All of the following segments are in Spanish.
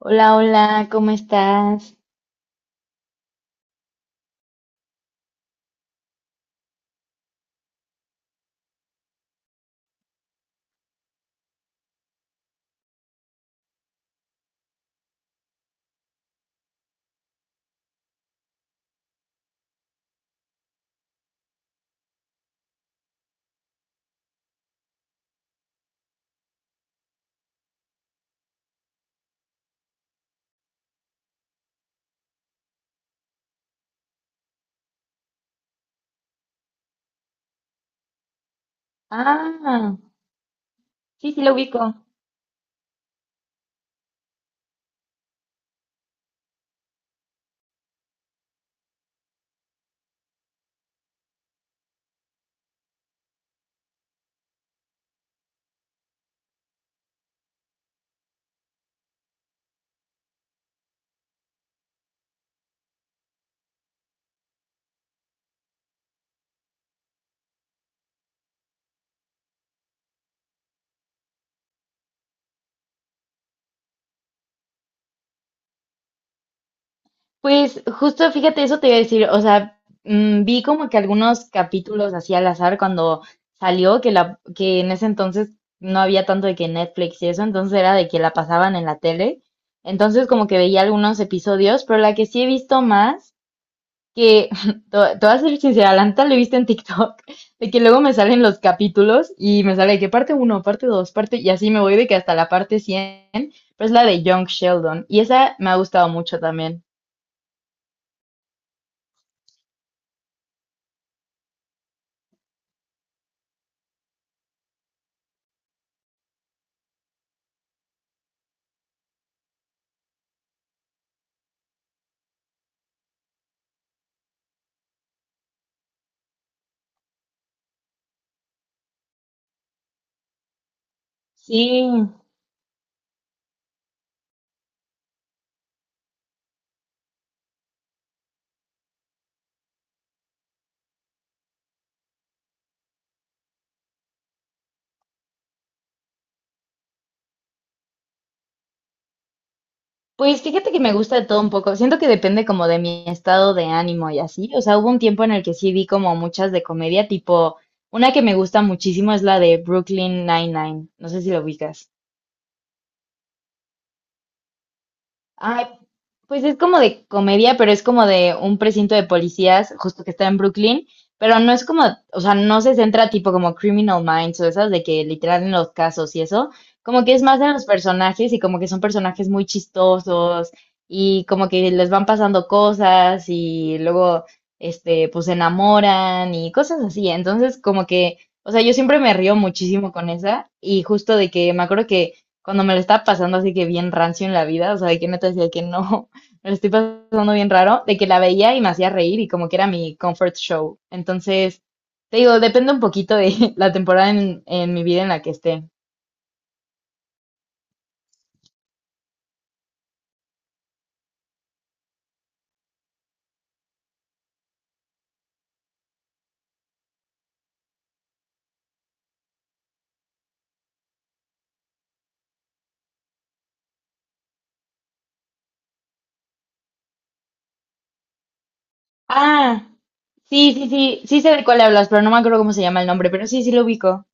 Hola, hola, ¿cómo estás? Ah, sí, sí, lo ubico. Pues justo, fíjate, eso te iba a decir, o sea, vi como que algunos capítulos así al azar cuando salió, que, que en ese entonces no había tanto de que Netflix y eso, entonces era de que la pasaban en la tele, entonces como que veía algunos episodios, pero la que sí he visto más que, te voy a ser sincera, la neta lo he visto en TikTok. De que luego me salen los capítulos y me sale de que parte uno, parte dos, parte, y así me voy de que hasta la parte cien, pero es la de Young Sheldon, y esa me ha gustado mucho también. Sí. Pues fíjate que me gusta de todo un poco, siento que depende como de mi estado de ánimo y así, o sea, hubo un tiempo en el que sí vi como muchas de comedia, tipo, una que me gusta muchísimo es la de Brooklyn Nine-Nine, no sé si lo ubicas. Ay, pues es como de comedia, pero es como de un precinto de policías, justo que está en Brooklyn, pero no es como, o sea, no se centra tipo como Criminal Minds o esas de que literal en los casos y eso, como que es más de los personajes y como que son personajes muy chistosos y como que les van pasando cosas y luego, este, pues se enamoran y cosas así, entonces como que, o sea, yo siempre me río muchísimo con esa y justo de que me acuerdo que cuando me lo estaba pasando así que bien rancio en la vida, o sea, de que neta decía que no, me lo estoy pasando bien raro, de que la veía y me hacía reír y como que era mi comfort show. Entonces, te digo, depende un poquito de la temporada en mi vida en la que esté. Ah, sí, sí, sí, sí sé de cuál hablas, pero no me acuerdo cómo se llama el nombre, pero sí, sí lo ubico.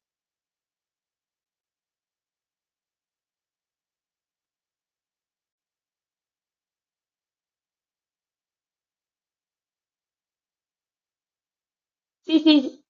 Sí, sí.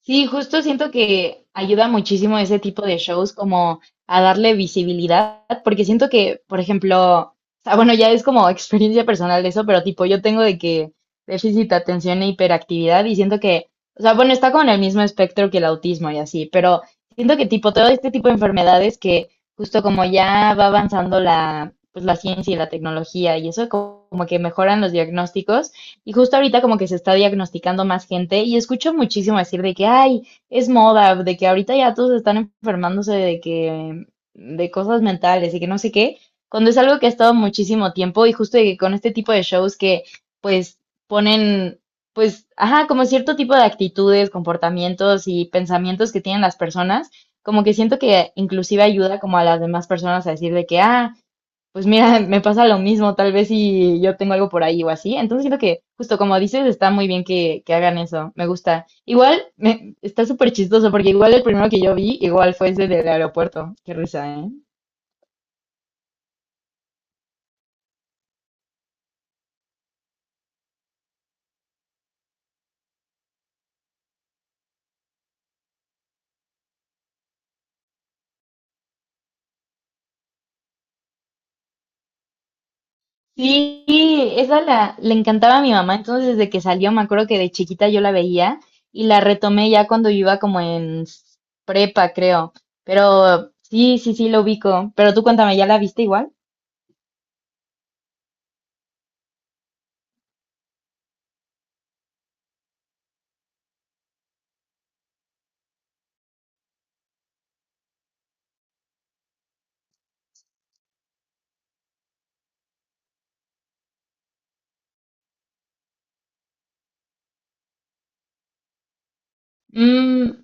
Sí, justo siento que ayuda muchísimo ese tipo de shows como a darle visibilidad, porque siento que, por ejemplo, o sea, bueno, ya es como experiencia personal de eso, pero tipo, yo tengo de que déficit de atención e hiperactividad y siento que, o sea, bueno, está como en el mismo espectro que el autismo y así, pero siento que tipo todo este tipo de enfermedades que justo como ya va avanzando la, pues la ciencia y la tecnología y eso como que mejoran los diagnósticos. Y justo ahorita como que se está diagnosticando más gente y escucho muchísimo decir de que, ay, es moda, de que ahorita ya todos están enfermándose de cosas mentales y que no sé qué, cuando es algo que ha estado muchísimo tiempo y justo de que con este tipo de shows que pues ponen, pues, ajá, como cierto tipo de actitudes, comportamientos y pensamientos que tienen las personas, como que siento que inclusive ayuda como a las demás personas a decir de que, ah, pues mira, me pasa lo mismo, tal vez si yo tengo algo por ahí o así. Entonces siento que, justo como dices, está muy bien que hagan eso, me gusta. Igual, está súper chistoso, porque igual el primero que yo vi, igual fue ese del aeropuerto. Qué risa, ¿eh? Sí, esa le encantaba a mi mamá, entonces desde que salió, me acuerdo que de chiquita yo la veía y la retomé ya cuando yo iba como en prepa, creo. Pero sí, sí, sí, lo ubico. Pero tú cuéntame, ¿ya la viste igual? Mm.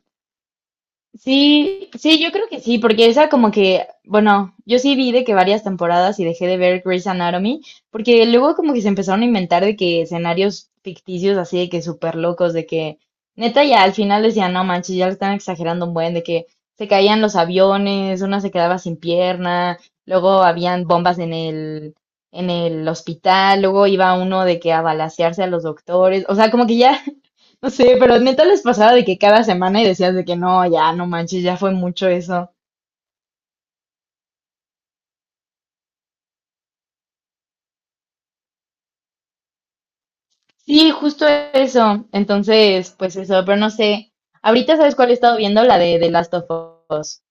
Sí, sí, yo creo que sí, porque esa como que, bueno, yo sí vi de que varias temporadas y dejé de ver Grey's Anatomy, porque luego como que se empezaron a inventar de que escenarios ficticios así de que súper locos, de que neta ya al final decían, no manches, ya lo están exagerando un buen, de que se caían los aviones, una se quedaba sin pierna, luego habían bombas en el hospital, luego iba uno de que a balacearse a los doctores, o sea, como que ya no sé, pero neta les pasaba de que cada semana y decías de que no, ya no manches, ya fue mucho eso. Sí, justo eso. Entonces, pues eso, pero no sé. Ahorita sabes cuál he estado viendo, la de The Last of Us.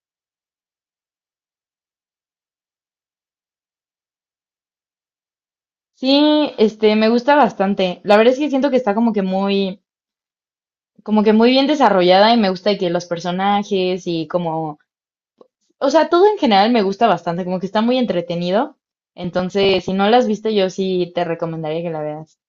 Sí, este, me gusta bastante. La verdad es que siento que está como que muy bien desarrollada y me gusta de que los personajes y como, o sea, todo en general me gusta bastante, como que está muy entretenido. Entonces, si no la has visto, yo sí te recomendaría que la veas.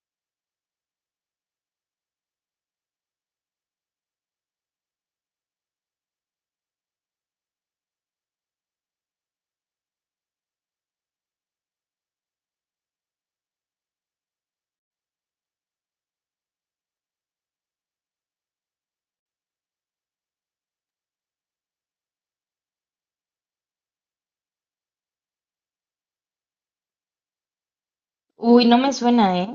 Uy, no me suena, ¿eh?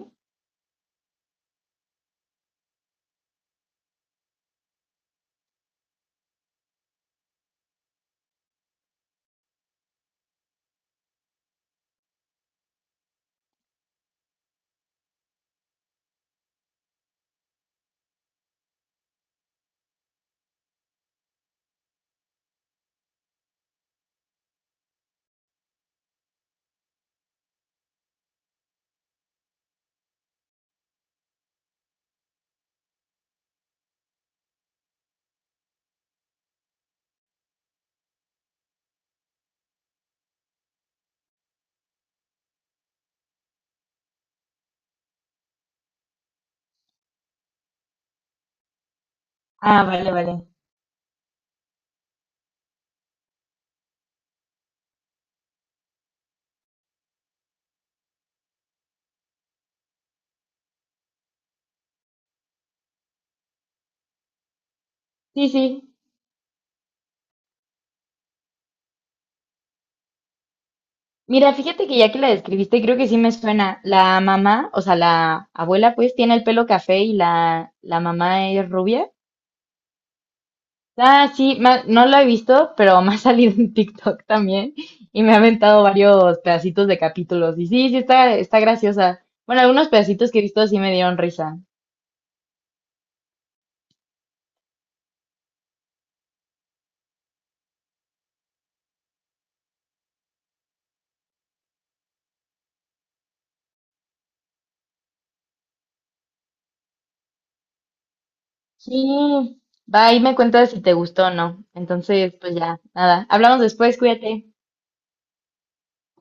Ah, vale, vale. Sí, sí. Mira, fíjate que ya que la describiste, creo que sí me suena. La mamá, o sea, la abuela, pues, tiene el pelo café y la mamá es rubia. Ah, sí, ma- no lo he visto, pero me ha salido en TikTok también y me ha aventado varios pedacitos de capítulos. Y sí, sí, está, está graciosa. Bueno, algunos pedacitos que he visto sí me dieron risa. Sí, va y me cuentas si te gustó o no. Entonces, pues ya, nada. Hablamos después, cuídate.